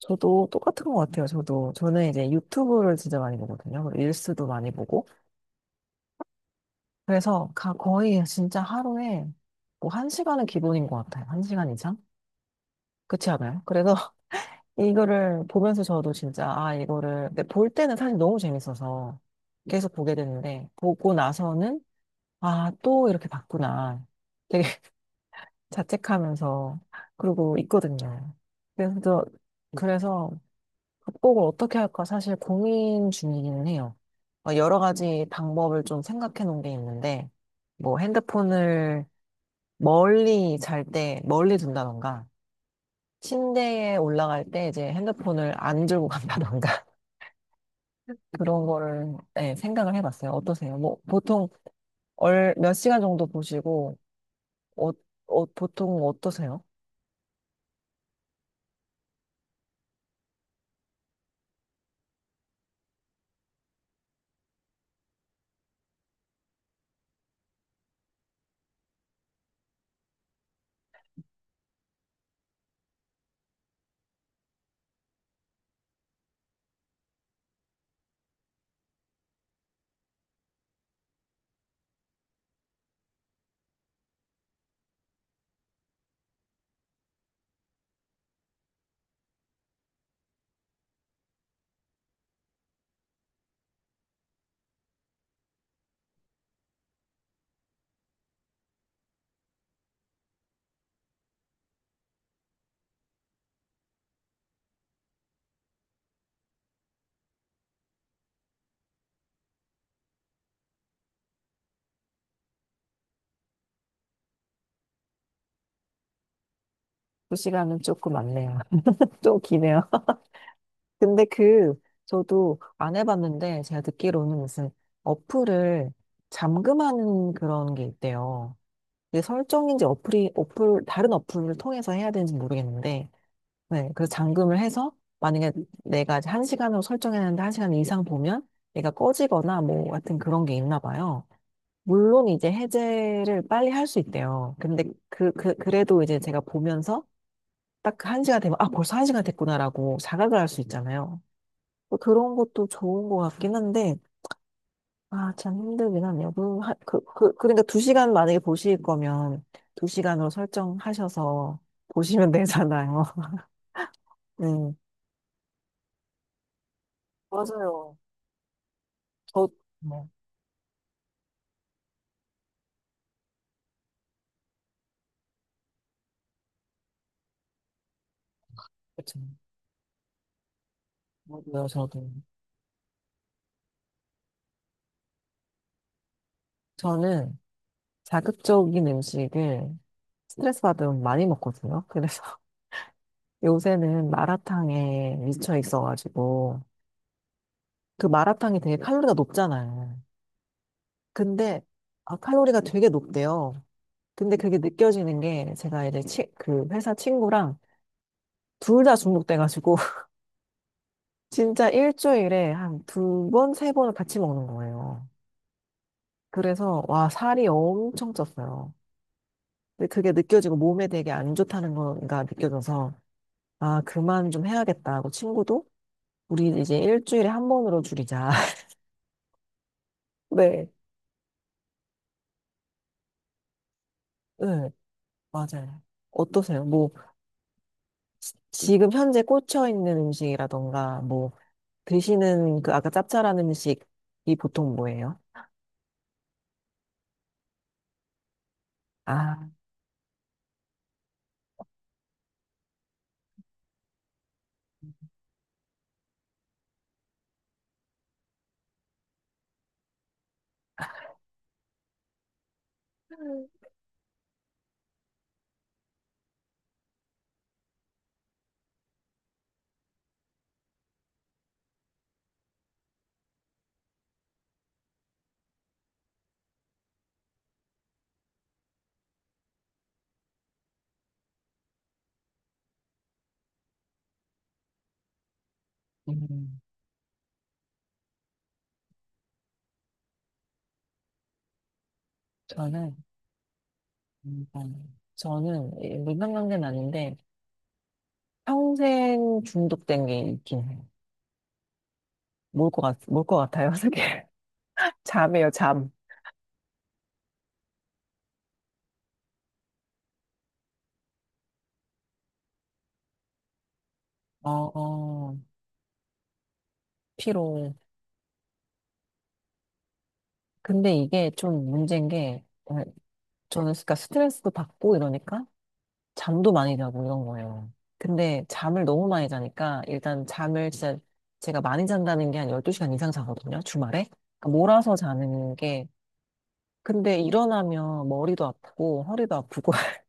저도 똑같은 것 같아요. 저도 저는 이제 유튜브를 진짜 많이 보거든요. 그리고 릴스도 많이 보고, 그래서 거의 진짜 하루에 뭐 한 시간은 기본인 것 같아요. 1시간 이상? 그렇지 않아요? 그래서 이거를 보면서 저도 진짜, 아, 이거를 근데 볼 때는 사실 너무 재밌어서 계속 보게 되는데, 보고 나서는 아, 또 이렇게 봤구나. 되게 자책하면서 그러고 있거든요. 그래서 저- 그래서 극복을 어떻게 할까 사실 고민 중이기는 해요. 여러 가지 방법을 좀 생각해 놓은 게 있는데, 뭐 핸드폰을 멀리, 잘 때 멀리 둔다던가, 침대에 올라갈 때 이제 핸드폰을 안 들고 간다던가, 그런 거를, 네, 생각을 해봤어요. 어떠세요? 뭐 보통 몇 시간 정도 보시고, 어, 보통 어떠세요? 두 시간은 조금 많네요. 좀 기네요. 근데 그, 저도 안 해봤는데, 제가 듣기로는 무슨 어플을 잠금하는 그런 게 있대요. 이게 설정인지 다른 어플을 통해서 해야 되는지 모르겠는데, 네, 그래서 잠금을 해서, 만약에 내가 이제 한 시간으로 설정했는데 1시간 이상 보면 얘가 꺼지거나 뭐 같은 그런 게 있나 봐요. 물론 이제 해제를 빨리 할 수 있대요. 근데 그래도 이제 제가 보면서 딱 그 1시간 되면, 아, 벌써 1시간 됐구나라고 자각을 할 수 있잖아요. 뭐 그런 것도 좋은 것 같긴 한데, 아, 참 힘들긴 하네요. 그러니까 2시간 만약에 보실 거면 두 시간으로 설정하셔서 보시면 되잖아요. 네. 맞아요. 저, 뭐, 그쵸. 맞아요, 저도. 저는 자극적인 음식을 스트레스 받으면 많이 먹거든요. 그래서 요새는 마라탕에 미쳐 있어가지고, 그 마라탕이 되게 칼로리가 높잖아요. 근데, 아, 칼로리가 되게 높대요. 근데 그게 느껴지는 게 제가 이제 그 회사 친구랑 둘 다 중독돼가지고 진짜 일주일에 한 2번, 세 번을 같이 먹는 거예요. 그래서, 와, 살이 엄청 쪘어요. 근데 그게 느껴지고 몸에 되게 안 좋다는 거가 느껴져서, 아, 그만 좀 해야겠다 하고 친구도 우리 이제 일주일에 한 번으로 줄이자. 네, 네, 맞아요. 어떠세요? 뭐 지금 현재 꽂혀 있는 음식이라던가, 뭐 드시는, 그 아까 짭짤한 음식이 보통 뭐예요? 아, 음, 저는, 음, 물만 관계는 아닌데, 평생 중독된 게 있긴 해요. 뭘것 같아요, 그게? 잠이에요, 잠. 어, 어, 피로. 근데 이게 좀 문제인 게, 어, 저는 그러니까 스트레스도 받고 이러니까 잠도 많이 자고 이런 거예요. 근데 잠을 너무 많이 자니까 일단 잠을 진짜 제가 많이 잔다는 게 한 12시간 이상 자거든요, 주말에. 그러니까 몰아서 자는 게, 근데 일어나면 머리도 아프고 허리도 아프고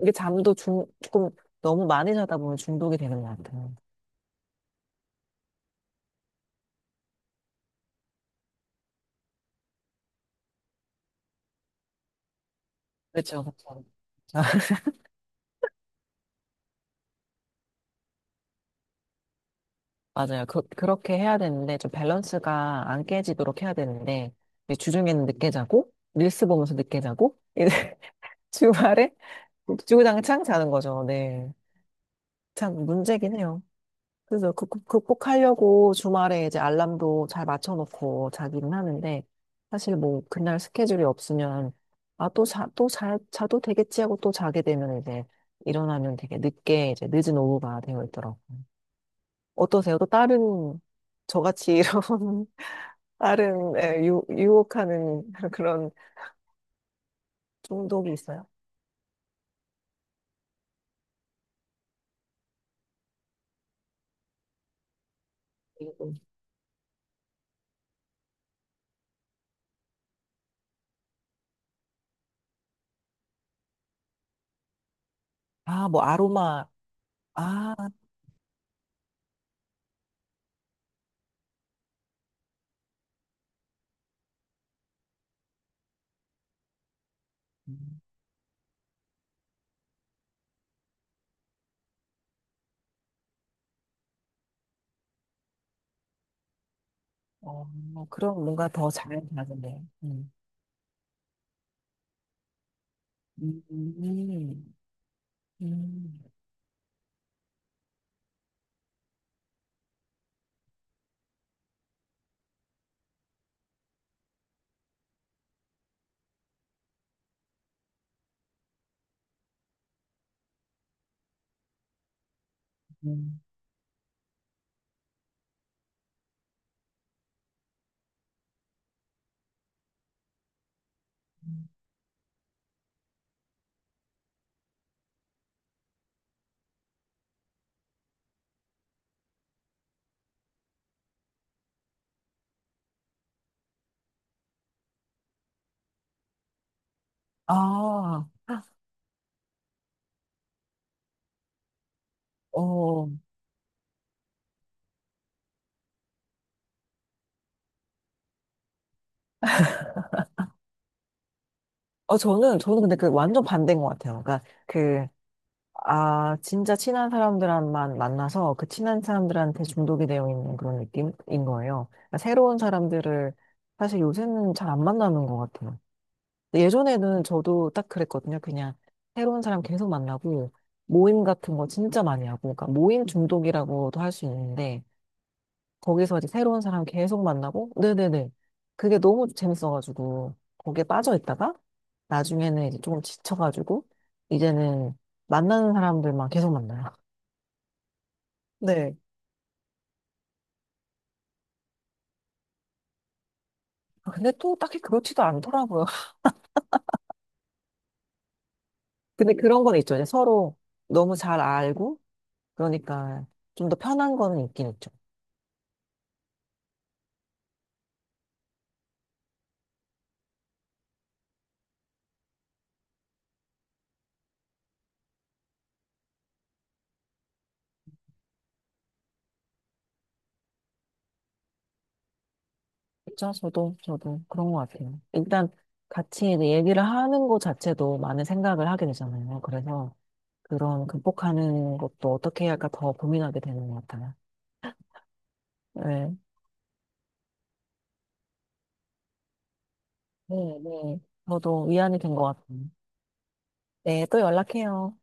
이게 잠도 조금 너무 많이 자다 보면 중독이 되는 것 같아요. 그렇죠, 그렇죠. 맞아요. 그렇게 해야 되는데 좀 밸런스가 안 깨지도록 해야 되는데 이제 주중에는 늦게 자고 릴스 보면서 늦게 자고 이제 주말에 주구장창 자는 거죠. 네, 참 문제긴 해요. 그래서 극복하려고 주말에 이제 알람도 잘 맞춰놓고 자기는 하는데, 사실 뭐, 그날 스케줄이 없으면, 아, 자도 되겠지 하고 또 자게 되면 이제, 일어나면 되게 늦게, 이제 늦은 오후가 되어 있더라고. 어떠세요? 또 다른, 저같이 이런, 다른, 예, 유혹하는 그런 중독이 있어요? 아, 뭐, 아로마, 아, 음. 어, 그럼 뭔가 더 잘 나는데. 음. 음. 음. 음. 아, 어, 저는 근데 그 완전 반대인 것 같아요. 아, 진짜 친한 사람들만 만나서 그 친한 사람들한테 중독이 되어 있는 그런 느낌인 거예요. 그러니까 새로운 사람들을 사실 요새는 잘 안 만나는 것 같아요. 근데 예전에는 저도 딱 그랬거든요. 그냥 새로운 사람 계속 만나고 모임 같은 거 진짜 많이 하고, 그러니까 모임 중독이라고도 할 수 있는데, 거기서 이제 새로운 사람 계속 만나고, 네네네. 그게 너무 재밌어가지고, 거기에 빠져 있다가, 나중에는 이제 조금 지쳐가지고, 이제는 만나는 사람들만 계속 만나요. 네. 아, 근데 또 딱히 그렇지도 않더라고요. 근데 그런 건 있죠. 이제 서로 너무 잘 알고, 그러니까 좀 더 편한 거는 있긴 있죠. 진짜 저도, 저도 그런 것 같아요. 일단 같이 이제 얘기를 하는 것 자체도 많은 생각을 하게 되잖아요. 그래서 그런 극복하는 것도 어떻게 해야 할까 더 고민하게 되는 것 같아요. 네, 네, 네. 저도 위안이 된 것 같아요. 네, 또 연락해요.